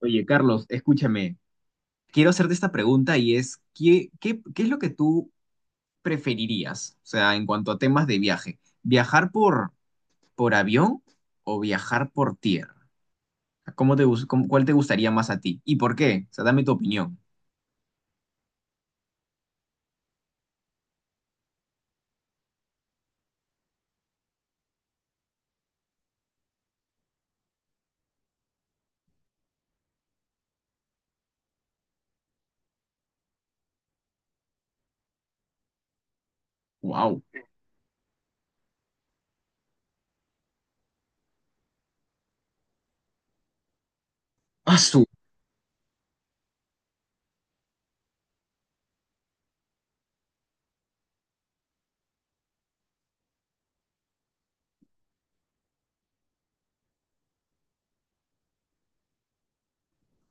Oye, Carlos, escúchame, quiero hacerte esta pregunta y es, ¿qué es lo que tú preferirías? O sea, en cuanto a temas de viaje, ¿viajar por avión o viajar por tierra? ¿Cómo te, gus- cómo- cuál te gustaría más a ti? ¿Y por qué? O sea, dame tu opinión. Wow. su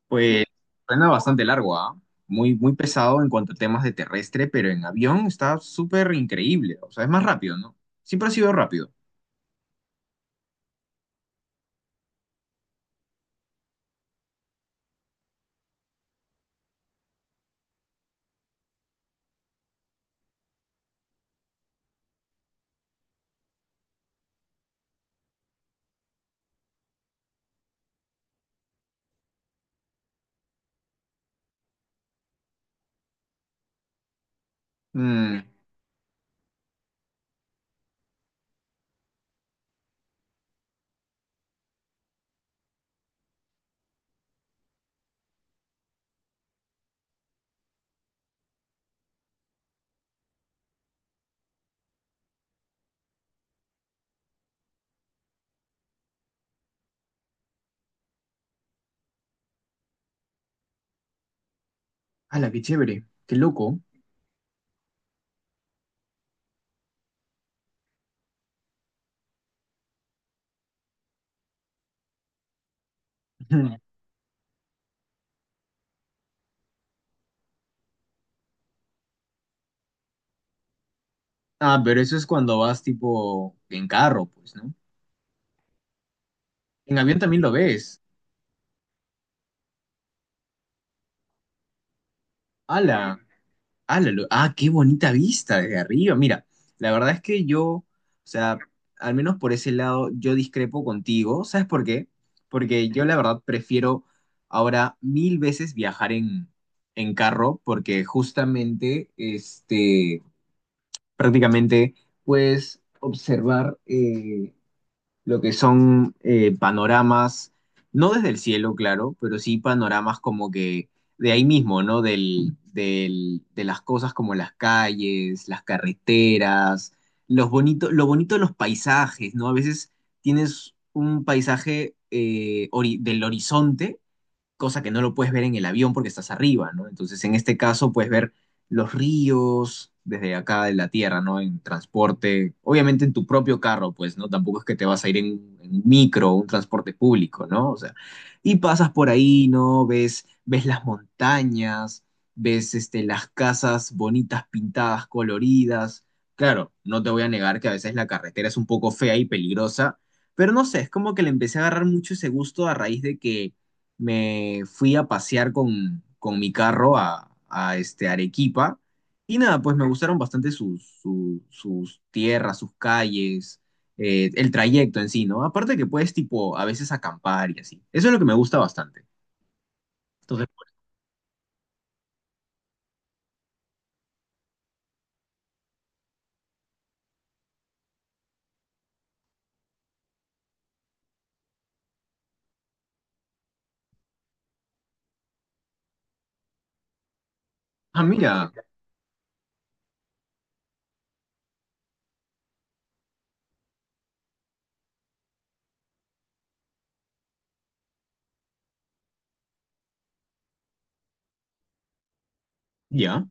Pues suena bastante largo, ¿ah? Muy, muy pesado en cuanto a temas de terrestre, pero en avión está súper increíble. O sea, es más rápido, ¿no? Siempre ha sido rápido. Mm. ¡Hala, qué chévere! ¡Qué loco! Ah, pero eso es cuando vas tipo en carro, pues, ¿no? En avión también lo ves. ¡Hala! ¡Ah, qué bonita vista desde arriba! Mira, la verdad es que yo, o sea, al menos por ese lado, yo discrepo contigo. ¿Sabes por qué? Porque yo la verdad prefiero ahora mil veces viajar en carro porque justamente, este, prácticamente puedes observar, lo que son panoramas, no desde el cielo, claro, pero sí panoramas como que de ahí mismo, ¿no? De las cosas como las calles, las carreteras, los bonito, lo bonito de los paisajes, ¿no? A veces tienes un paisaje del horizonte, cosa que no lo puedes ver en el avión porque estás arriba, ¿no? Entonces, en este caso, puedes ver los ríos desde acá de la tierra, ¿no? En transporte, obviamente en tu propio carro, pues, ¿no? Tampoco es que te vas a ir en un micro, un transporte público, ¿no? O sea, y pasas por ahí, ¿no? Ves las montañas, ves este, las casas bonitas, pintadas, coloridas. Claro, no te voy a negar que a veces la carretera es un poco fea y peligrosa, pero no sé, es como que le empecé a agarrar mucho ese gusto a raíz de que me fui a pasear con mi carro a este Arequipa y nada, pues me gustaron bastante sus tierras, sus calles, el trayecto en sí, ¿no? Aparte que puedes tipo a veces acampar y así. Eso es lo que me gusta bastante. Entonces, ah, mira, ya.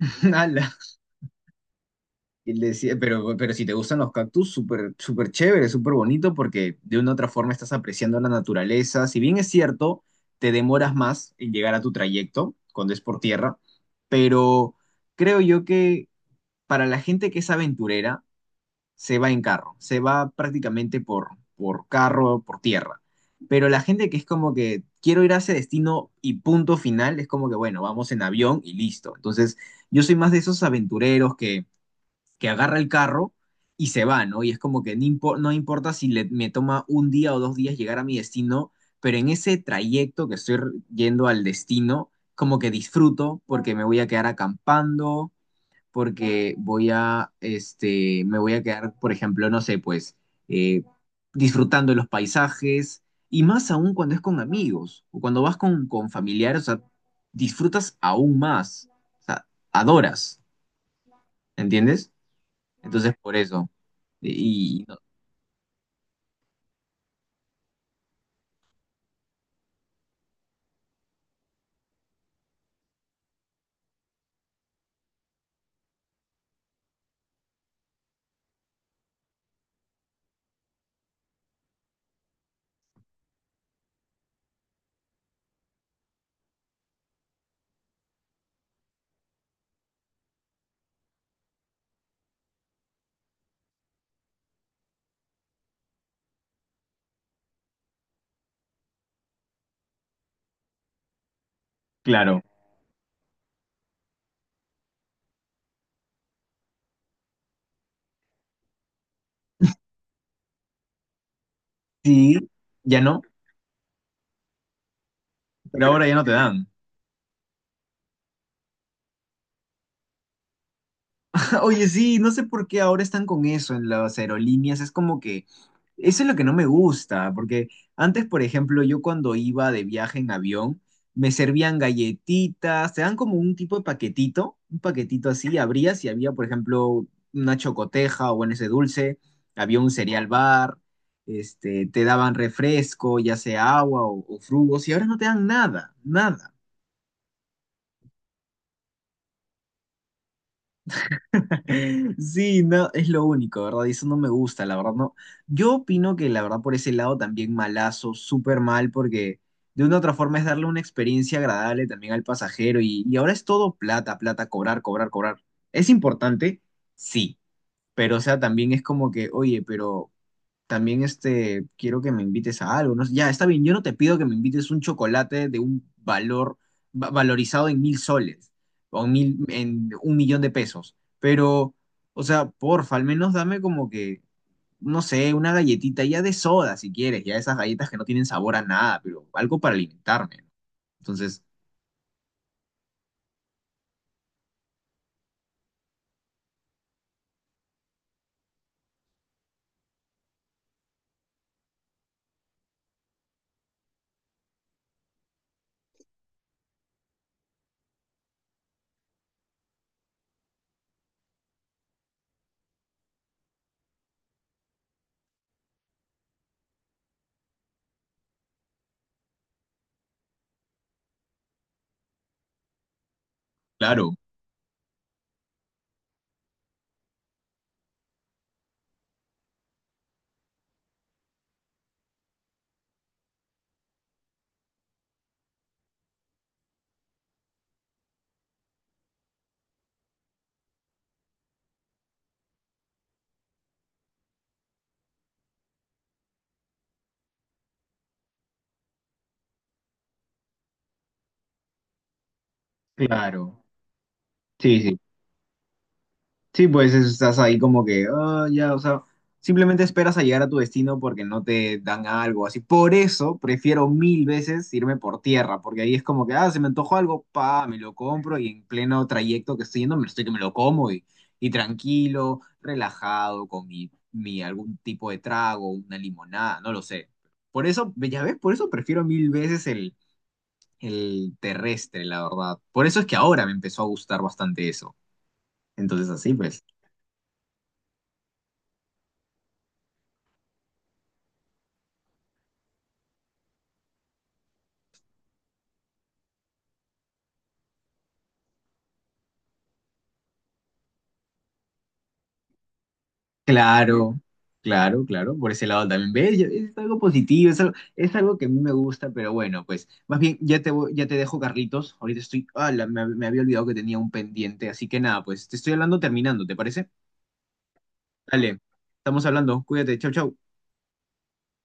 Ala. Y le decía, pero si te gustan los cactus, súper, súper chévere, súper bonito, porque de una u otra forma estás apreciando la naturaleza. Si bien es cierto, te demoras más en llegar a tu trayecto cuando es por tierra, pero creo yo que para la gente que es aventurera, se va en carro, se va prácticamente por carro, por tierra. Pero la gente que es como que quiero ir a ese destino y punto final, es como que, bueno, vamos en avión y listo. Entonces, yo soy más de esos aventureros que agarra el carro y se va, ¿no? Y es como que no, no importa si le- me toma un día o dos días llegar a mi destino, pero en ese trayecto que estoy yendo al destino, como que disfruto porque me voy a quedar acampando, porque voy a, este, me voy a quedar, por ejemplo, no sé, pues, eh, disfrutando de los paisajes. Y más aún cuando es con amigos o cuando vas con familiares, o sea, disfrutas aún más, o sea, adoras, ¿entiendes? Entonces, por eso. Y, y no- Claro. Sí, ya no, pero ahora ya no te dan. Oye, sí, no sé por qué ahora están con eso en las aerolíneas. Es como que eso es lo que no me gusta, porque antes, por ejemplo, yo cuando iba de viaje en avión, me servían galletitas, te dan como un tipo de paquetito, un paquetito así, abrías y había, por ejemplo, una chocoteja o bueno, ese dulce, había un cereal bar, este, te daban refresco, ya sea agua o frugos, y ahora no te dan nada, nada. Sí, no, es lo único, ¿verdad? Y eso no me gusta, la verdad, no. Yo opino que la verdad por ese lado también malazo, súper mal, porque de una u otra forma es darle una experiencia agradable también al pasajero y ahora es todo plata, plata, cobrar, cobrar, cobrar. ¿Es importante? Sí, pero o sea, también es como que, oye, pero también este, quiero que me invites a algo, ¿no? Ya, está bien, yo no te pido que me invites un chocolate de un valor valorizado en 1000 soles o en 1000, en 1000000 de pesos, pero, o sea, porfa, al menos dame como que, no sé, una galletita ya de soda si quieres, ya esas galletas que no tienen sabor a nada, pero algo para alimentarme, ¿no? Entonces, claro, claro. Sí, sí. Sí, pues estás ahí como que, ah, ya, o sea, simplemente esperas a llegar a tu destino porque no te dan algo así. Por eso prefiero mil veces irme por tierra, porque ahí es como que, ah, se me antojó algo, pa, me lo compro y en pleno trayecto que estoy yendo, me estoy que me lo como y tranquilo, relajado, con mi, mi algún tipo de trago, una limonada, no lo sé. Por eso, ya ves, por eso prefiero mil veces el terrestre, la verdad. Por eso es que ahora me empezó a gustar bastante eso. Entonces, así pues. Claro, claro, claro, por ese lado también. ¿Ves? Yo- es algo positivo, es algo que a mí me gusta, pero bueno, pues más bien ya te, ya te dejo, Carlitos. Ahorita estoy, ah, me había olvidado que tenía un pendiente, así que nada, pues te estoy hablando terminando, ¿te parece? Dale, estamos hablando, cuídate, chau, chau.